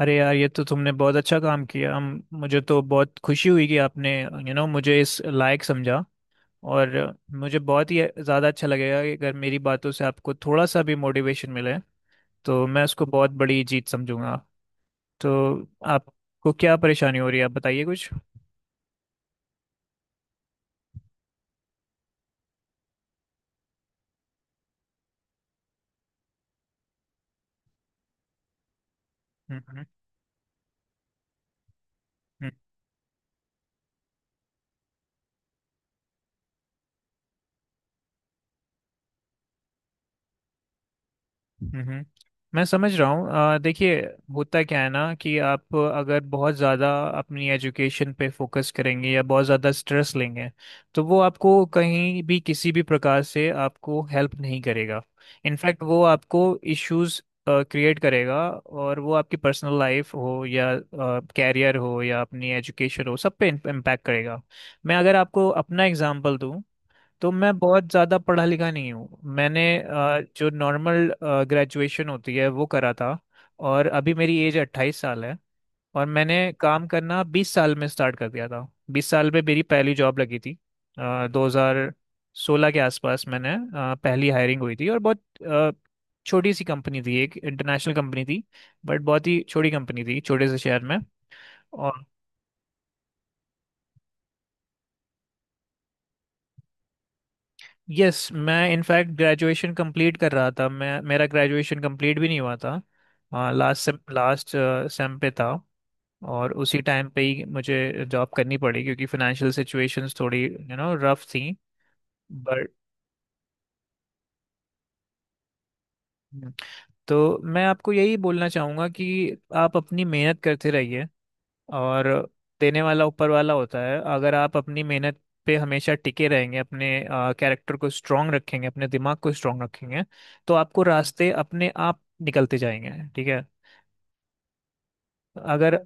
अरे यार, ये तो तुमने बहुत अच्छा काम किया हम। मुझे तो बहुत खुशी हुई कि आपने मुझे इस लायक समझा। और मुझे बहुत ही ज़्यादा अच्छा लगेगा कि अगर मेरी बातों से आपको थोड़ा सा भी मोटिवेशन मिले तो मैं उसको बहुत बड़ी जीत समझूंगा। तो आपको क्या परेशानी हो रही है, आप बताइए कुछ। हम्म, हम्म, हम्म। मैं समझ रहा हूँ। देखिए, होता क्या है ना, कि आप अगर बहुत ज़्यादा अपनी एजुकेशन पे फोकस करेंगे या बहुत ज़्यादा स्ट्रेस लेंगे तो वो आपको कहीं भी किसी भी प्रकार से आपको हेल्प नहीं करेगा। इनफैक्ट वो आपको इश्यूज क्रिएट करेगा, और वो आपकी पर्सनल लाइफ हो या कैरियर हो या अपनी एजुकेशन हो सब पे इम्पैक्ट करेगा। मैं अगर आपको अपना एग्जांपल दूं तो मैं बहुत ज़्यादा पढ़ा लिखा नहीं हूँ। मैंने जो नॉर्मल ग्रेजुएशन होती है वो करा था। और अभी मेरी एज 28 साल है। और मैंने काम करना 20 साल में स्टार्ट कर दिया था, 20 साल में मेरी पहली जॉब लगी थी। 2016 के आसपास मैंने पहली हायरिंग हुई थी, और बहुत अ, छोटी सी कंपनी थी, एक इंटरनेशनल कंपनी थी। बट बहुत ही छोटी कंपनी थी, छोटे से शहर में। यस, मैं इनफैक्ट ग्रेजुएशन कंप्लीट कर रहा था, मैं मेरा ग्रेजुएशन कंप्लीट भी नहीं हुआ था। लास्ट सेम पे था। और उसी टाइम पे ही मुझे जॉब करनी पड़ी, क्योंकि फाइनेंशियल सिचुएशंस थोड़ी रफ थी। बट तो मैं आपको यही बोलना चाहूँगा कि आप अपनी मेहनत करते रहिए, और देने वाला ऊपर वाला होता है। अगर आप अपनी मेहनत पे हमेशा टिके रहेंगे, अपने कैरेक्टर को स्ट्रांग रखेंगे, अपने दिमाग को स्ट्रांग रखेंगे, तो आपको रास्ते अपने आप निकलते जाएंगे। ठीक है। अगर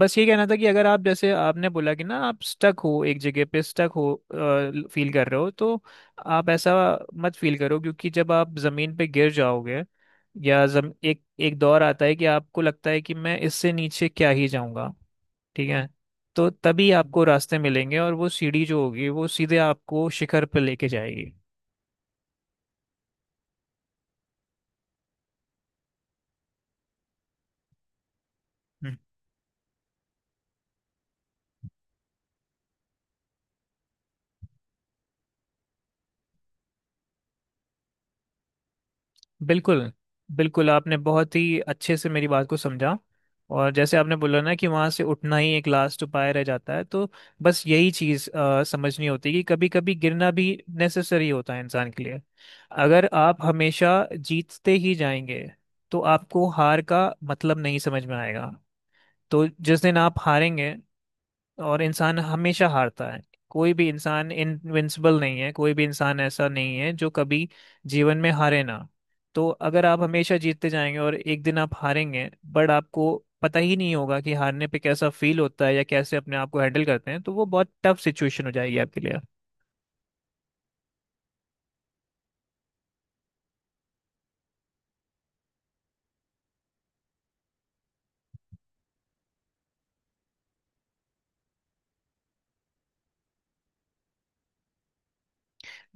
बस ये कहना था कि अगर आप, जैसे आपने बोला कि ना, आप स्टक हो, एक जगह पे स्टक हो फील कर रहे हो, तो आप ऐसा मत फील करो, क्योंकि जब आप ज़मीन पे गिर जाओगे या एक एक दौर आता है कि आपको लगता है कि मैं इससे नीचे क्या ही जाऊंगा। ठीक है। तो तभी आपको रास्ते मिलेंगे, और वो सीढ़ी जो होगी वो सीधे आपको शिखर पर लेके जाएगी। हम्म। बिल्कुल, बिल्कुल, आपने बहुत ही अच्छे से मेरी बात को समझा। और जैसे आपने बोला ना कि वहाँ से उठना ही एक लास्ट उपाय रह जाता है, तो बस यही चीज़ समझनी होती है कि कभी कभी गिरना भी नेसेसरी होता है इंसान के लिए। अगर आप हमेशा जीतते ही जाएंगे तो आपको हार का मतलब नहीं समझ में आएगा। तो जिस दिन आप हारेंगे, और इंसान हमेशा हारता है, कोई भी इंसान इनविंसिबल नहीं है, कोई भी इंसान ऐसा नहीं है जो कभी जीवन में हारे ना। तो अगर आप हमेशा जीतते जाएंगे और एक दिन आप हारेंगे, बट आपको पता ही नहीं होगा कि हारने पे कैसा फील होता है या कैसे अपने आप को हैंडल करते हैं, तो वो बहुत टफ सिचुएशन हो जाएगी आपके लिए।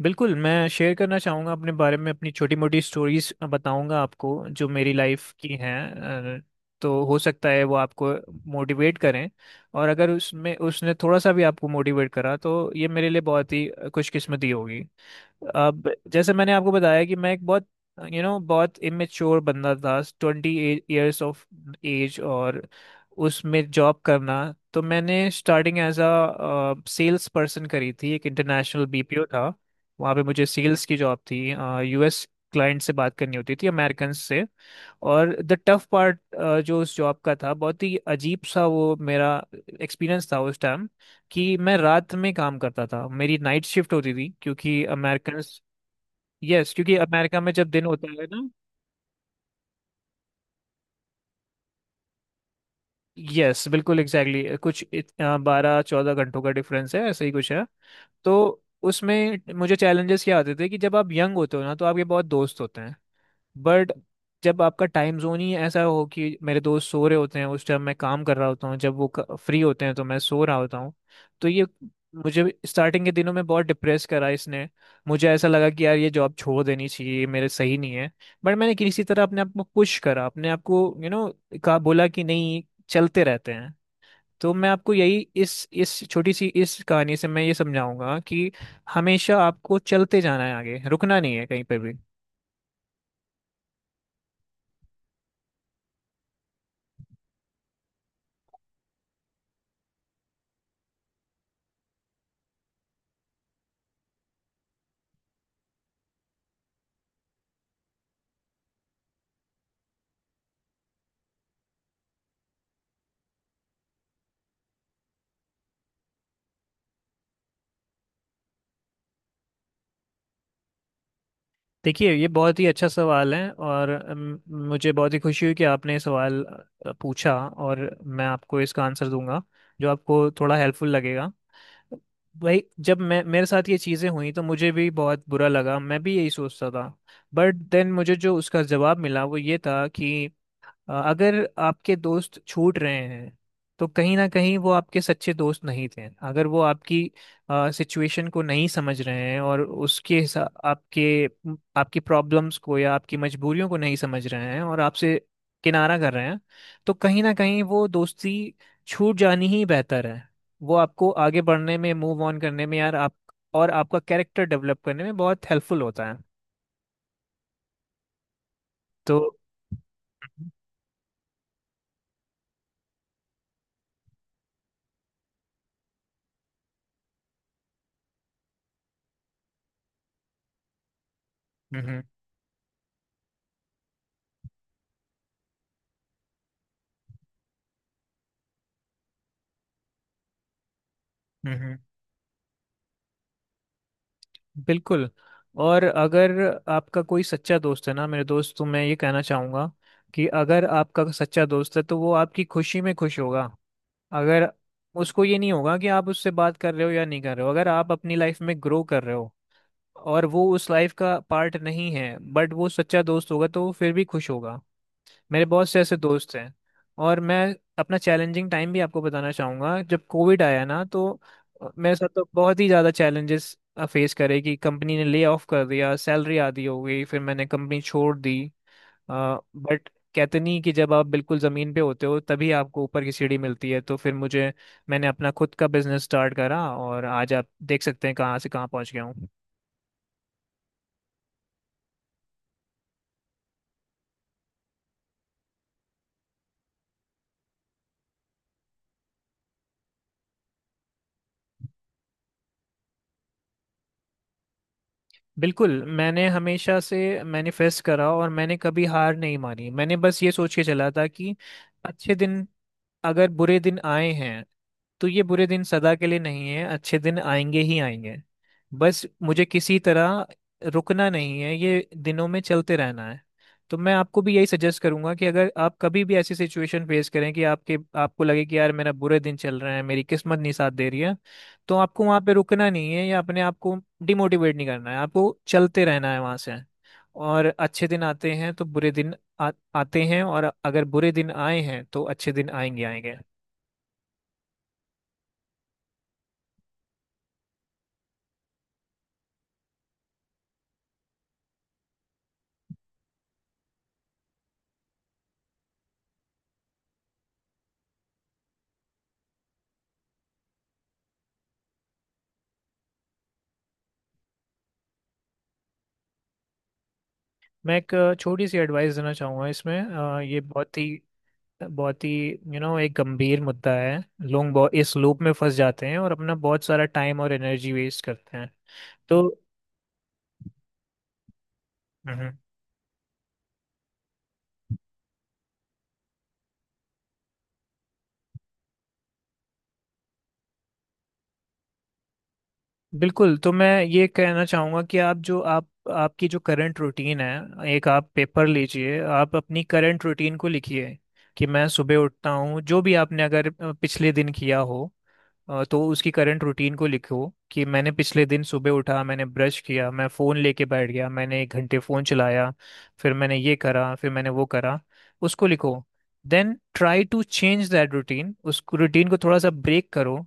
बिल्कुल, मैं शेयर करना चाहूँगा अपने बारे में, अपनी छोटी मोटी स्टोरीज बताऊँगा आपको जो मेरी लाइफ की हैं। तो हो सकता है वो आपको मोटिवेट करें, और अगर उसमें उसने थोड़ा सा भी आपको मोटिवेट करा तो ये मेरे लिए बहुत ही खुशकिस्मती होगी। अब जैसे मैंने आपको बताया कि मैं एक बहुत यू नो बहुत इमेच्योर बंदा था, 20 इयर्स ऑफ एज, और उसमें जॉब करना। तो मैंने स्टार्टिंग एज अ सेल्स पर्सन करी थी, एक इंटरनेशनल बीपीओ था। वहाँ पे मुझे सेल्स की जॉब थी, यूएस क्लाइंट से बात करनी होती थी, अमेरिकन से। और द टफ पार्ट जो उस जॉब का था, बहुत ही अजीब सा वो मेरा एक्सपीरियंस था उस टाइम, कि मैं रात में काम करता था, मेरी नाइट शिफ्ट होती थी, क्योंकि अमेरिकन, यस, क्योंकि अमेरिका में जब दिन होता है ना, यस, बिल्कुल एग्जैक्टली कुछ 12-14 घंटों का डिफरेंस है, ऐसा ही कुछ है। तो उसमें मुझे चैलेंजेस क्या आते थे कि जब आप यंग होते हो ना, तो आपके बहुत दोस्त होते हैं। बट जब आपका टाइम जोन ही ऐसा हो कि मेरे दोस्त सो रहे होते हैं उस टाइम मैं काम कर रहा होता हूँ, जब वो फ्री होते हैं तो मैं सो रहा होता हूँ, तो ये मुझे स्टार्टिंग के दिनों में बहुत डिप्रेस करा इसने। मुझे ऐसा लगा कि यार, ये जॉब छोड़ देनी चाहिए, ये मेरे सही नहीं है। बट मैंने किसी तरह अपने आप को पुश करा, अपने आप को कहा, बोला कि नहीं, चलते रहते हैं। तो मैं आपको यही इस छोटी सी इस कहानी से मैं ये समझाऊंगा कि हमेशा आपको चलते जाना है, आगे रुकना नहीं है कहीं पर भी। देखिए, ये बहुत ही अच्छा सवाल है, और मुझे बहुत ही खुशी हुई कि आपने ये सवाल पूछा, और मैं आपको इसका आंसर दूंगा जो आपको थोड़ा हेल्पफुल लगेगा। भाई, जब मैं मेरे साथ ये चीज़ें हुई तो मुझे भी बहुत बुरा लगा, मैं भी यही सोचता था। बट देन मुझे जो उसका जवाब मिला वो ये था कि अगर आपके दोस्त छूट रहे हैं, तो कहीं ना कहीं वो आपके सच्चे दोस्त नहीं थे। अगर वो आपकी सिचुएशन को नहीं समझ रहे हैं, और उसके हिसा- आपके आपकी प्रॉब्लम्स को या आपकी मजबूरियों को नहीं समझ रहे हैं और आपसे किनारा कर रहे हैं, तो कहीं ना कहीं वो दोस्ती छूट जानी ही बेहतर है। वो आपको आगे बढ़ने में, मूव ऑन करने में, यार, आप और आपका कैरेक्टर डेवलप करने में बहुत हेल्पफुल होता है। तो हम्म, हम्म, हम्म, बिल्कुल। और अगर आपका कोई सच्चा दोस्त है ना, मेरे दोस्त, तो मैं ये कहना चाहूँगा कि अगर आपका सच्चा दोस्त है तो वो आपकी खुशी में खुश होगा। अगर उसको ये नहीं होगा कि आप उससे बात कर रहे हो या नहीं कर रहे हो, अगर आप अपनी लाइफ में ग्रो कर रहे हो और वो उस लाइफ का पार्ट नहीं है, बट वो सच्चा दोस्त होगा तो वो फिर भी खुश होगा। मेरे बहुत से ऐसे दोस्त हैं। और मैं अपना चैलेंजिंग टाइम भी आपको बताना चाहूँगा। जब कोविड आया ना, तो मेरे साथ तो बहुत ही ज़्यादा चैलेंजेस फेस करे कि कंपनी ने ले ऑफ कर दिया, सैलरी आधी हो गई, फिर मैंने कंपनी छोड़ दी। बट कहते नहीं कि जब आप बिल्कुल ज़मीन पे होते हो तभी आपको ऊपर की सीढ़ी मिलती है। तो फिर मुझे मैंने अपना खुद का बिजनेस स्टार्ट करा, और आज आप देख सकते हैं कहाँ से कहाँ पहुँच गया हूँ। बिल्कुल। मैंने हमेशा से मैनिफेस्ट करा, और मैंने कभी हार नहीं मानी, मैंने बस ये सोच के चला था कि अच्छे दिन अगर बुरे दिन आए हैं तो ये बुरे दिन सदा के लिए नहीं है, अच्छे दिन आएंगे ही आएंगे। बस मुझे किसी तरह रुकना नहीं है, ये दिनों में चलते रहना है। तो मैं आपको भी यही सजेस्ट करूंगा कि अगर आप कभी भी ऐसी सिचुएशन फेस करें कि आपके आपको लगे कि यार, मेरा बुरे दिन चल रहे हैं, मेरी किस्मत नहीं साथ दे रही है, तो आपको वहाँ पे रुकना नहीं है या अपने आप को डिमोटिवेट नहीं करना है, आपको चलते रहना है वहाँ से। और अच्छे दिन आते हैं तो बुरे दिन आ, आते हैं, और अगर बुरे दिन आए हैं तो अच्छे दिन आएंगे आएंगे। मैं एक छोटी सी एडवाइस देना चाहूँगा इसमें। ये बहुत ही एक गंभीर मुद्दा है। लोग बहुत इस लूप में फंस जाते हैं और अपना बहुत सारा टाइम और एनर्जी वेस्ट करते हैं। तो, बिल्कुल, तो मैं ये कहना चाहूँगा कि आप जो आप आपकी जो करंट रूटीन है, एक आप पेपर लीजिए, आप अपनी करंट रूटीन को लिखिए कि मैं सुबह उठता हूँ, जो भी आपने, अगर पिछले दिन किया हो, तो उसकी करंट रूटीन को लिखो कि मैंने पिछले दिन सुबह उठा, मैंने ब्रश किया, मैं फ़ोन लेके बैठ गया, मैंने 1 घंटे फ़ोन चलाया, फिर मैंने ये करा, फिर मैंने वो करा, उसको लिखो। Then try to change that routine, उस रूटीन को थोड़ा सा ब्रेक करो।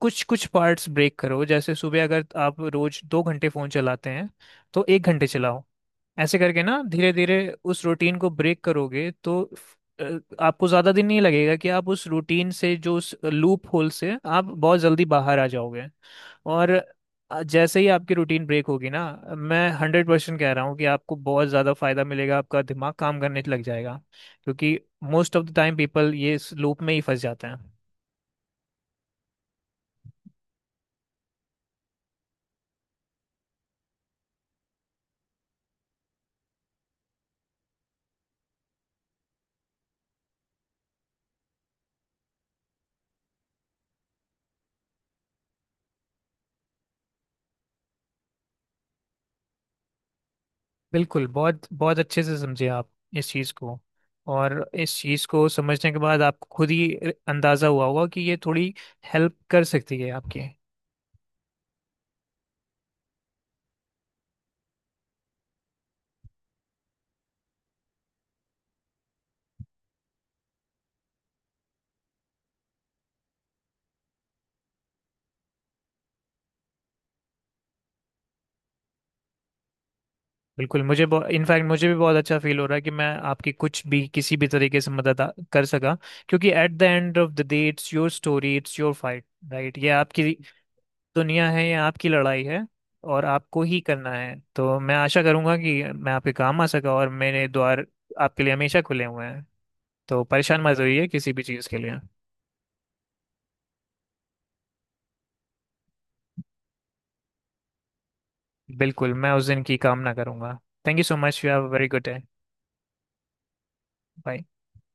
कुछ कुछ पार्ट्स ब्रेक करो, जैसे सुबह अगर आप रोज 2 घंटे फोन चलाते हैं तो 1 घंटे चलाओ। ऐसे करके ना, धीरे धीरे उस रूटीन को ब्रेक करोगे तो आपको ज्यादा दिन नहीं लगेगा, कि आप उस रूटीन से, जो उस लूप होल से आप बहुत जल्दी बाहर आ जाओगे। और जैसे ही आपकी रूटीन ब्रेक होगी ना, मैं 100% कह रहा हूँ कि आपको बहुत ज़्यादा फायदा मिलेगा, आपका दिमाग काम करने लग जाएगा। क्योंकि most of the time people ये इस लूप में ही फंस जाते हैं। बिल्कुल, बहुत बहुत अच्छे से समझे आप इस चीज़ को, और इस चीज़ को समझने के बाद आपको खुद ही अंदाज़ा हुआ होगा कि ये थोड़ी हेल्प कर सकती है आपके। बिल्कुल, मुझे इनफैक्ट मुझे भी बहुत अच्छा फील हो रहा है कि मैं आपकी कुछ भी किसी भी तरीके से मदद कर सका। क्योंकि at the end of the day, it's your story, it's your fight, right? ये आपकी दुनिया है, ये आपकी लड़ाई है, और आपको ही करना है। तो मैं आशा करूंगा कि मैं आपके काम आ सका, और मेरे द्वार आपके लिए हमेशा खुले हुए हैं। तो परेशान मत होइए किसी भी चीज़ के लिए। बिल्कुल, मैं उस दिन की कामना करूंगा। Thank you so much, you have a very good day. Bye.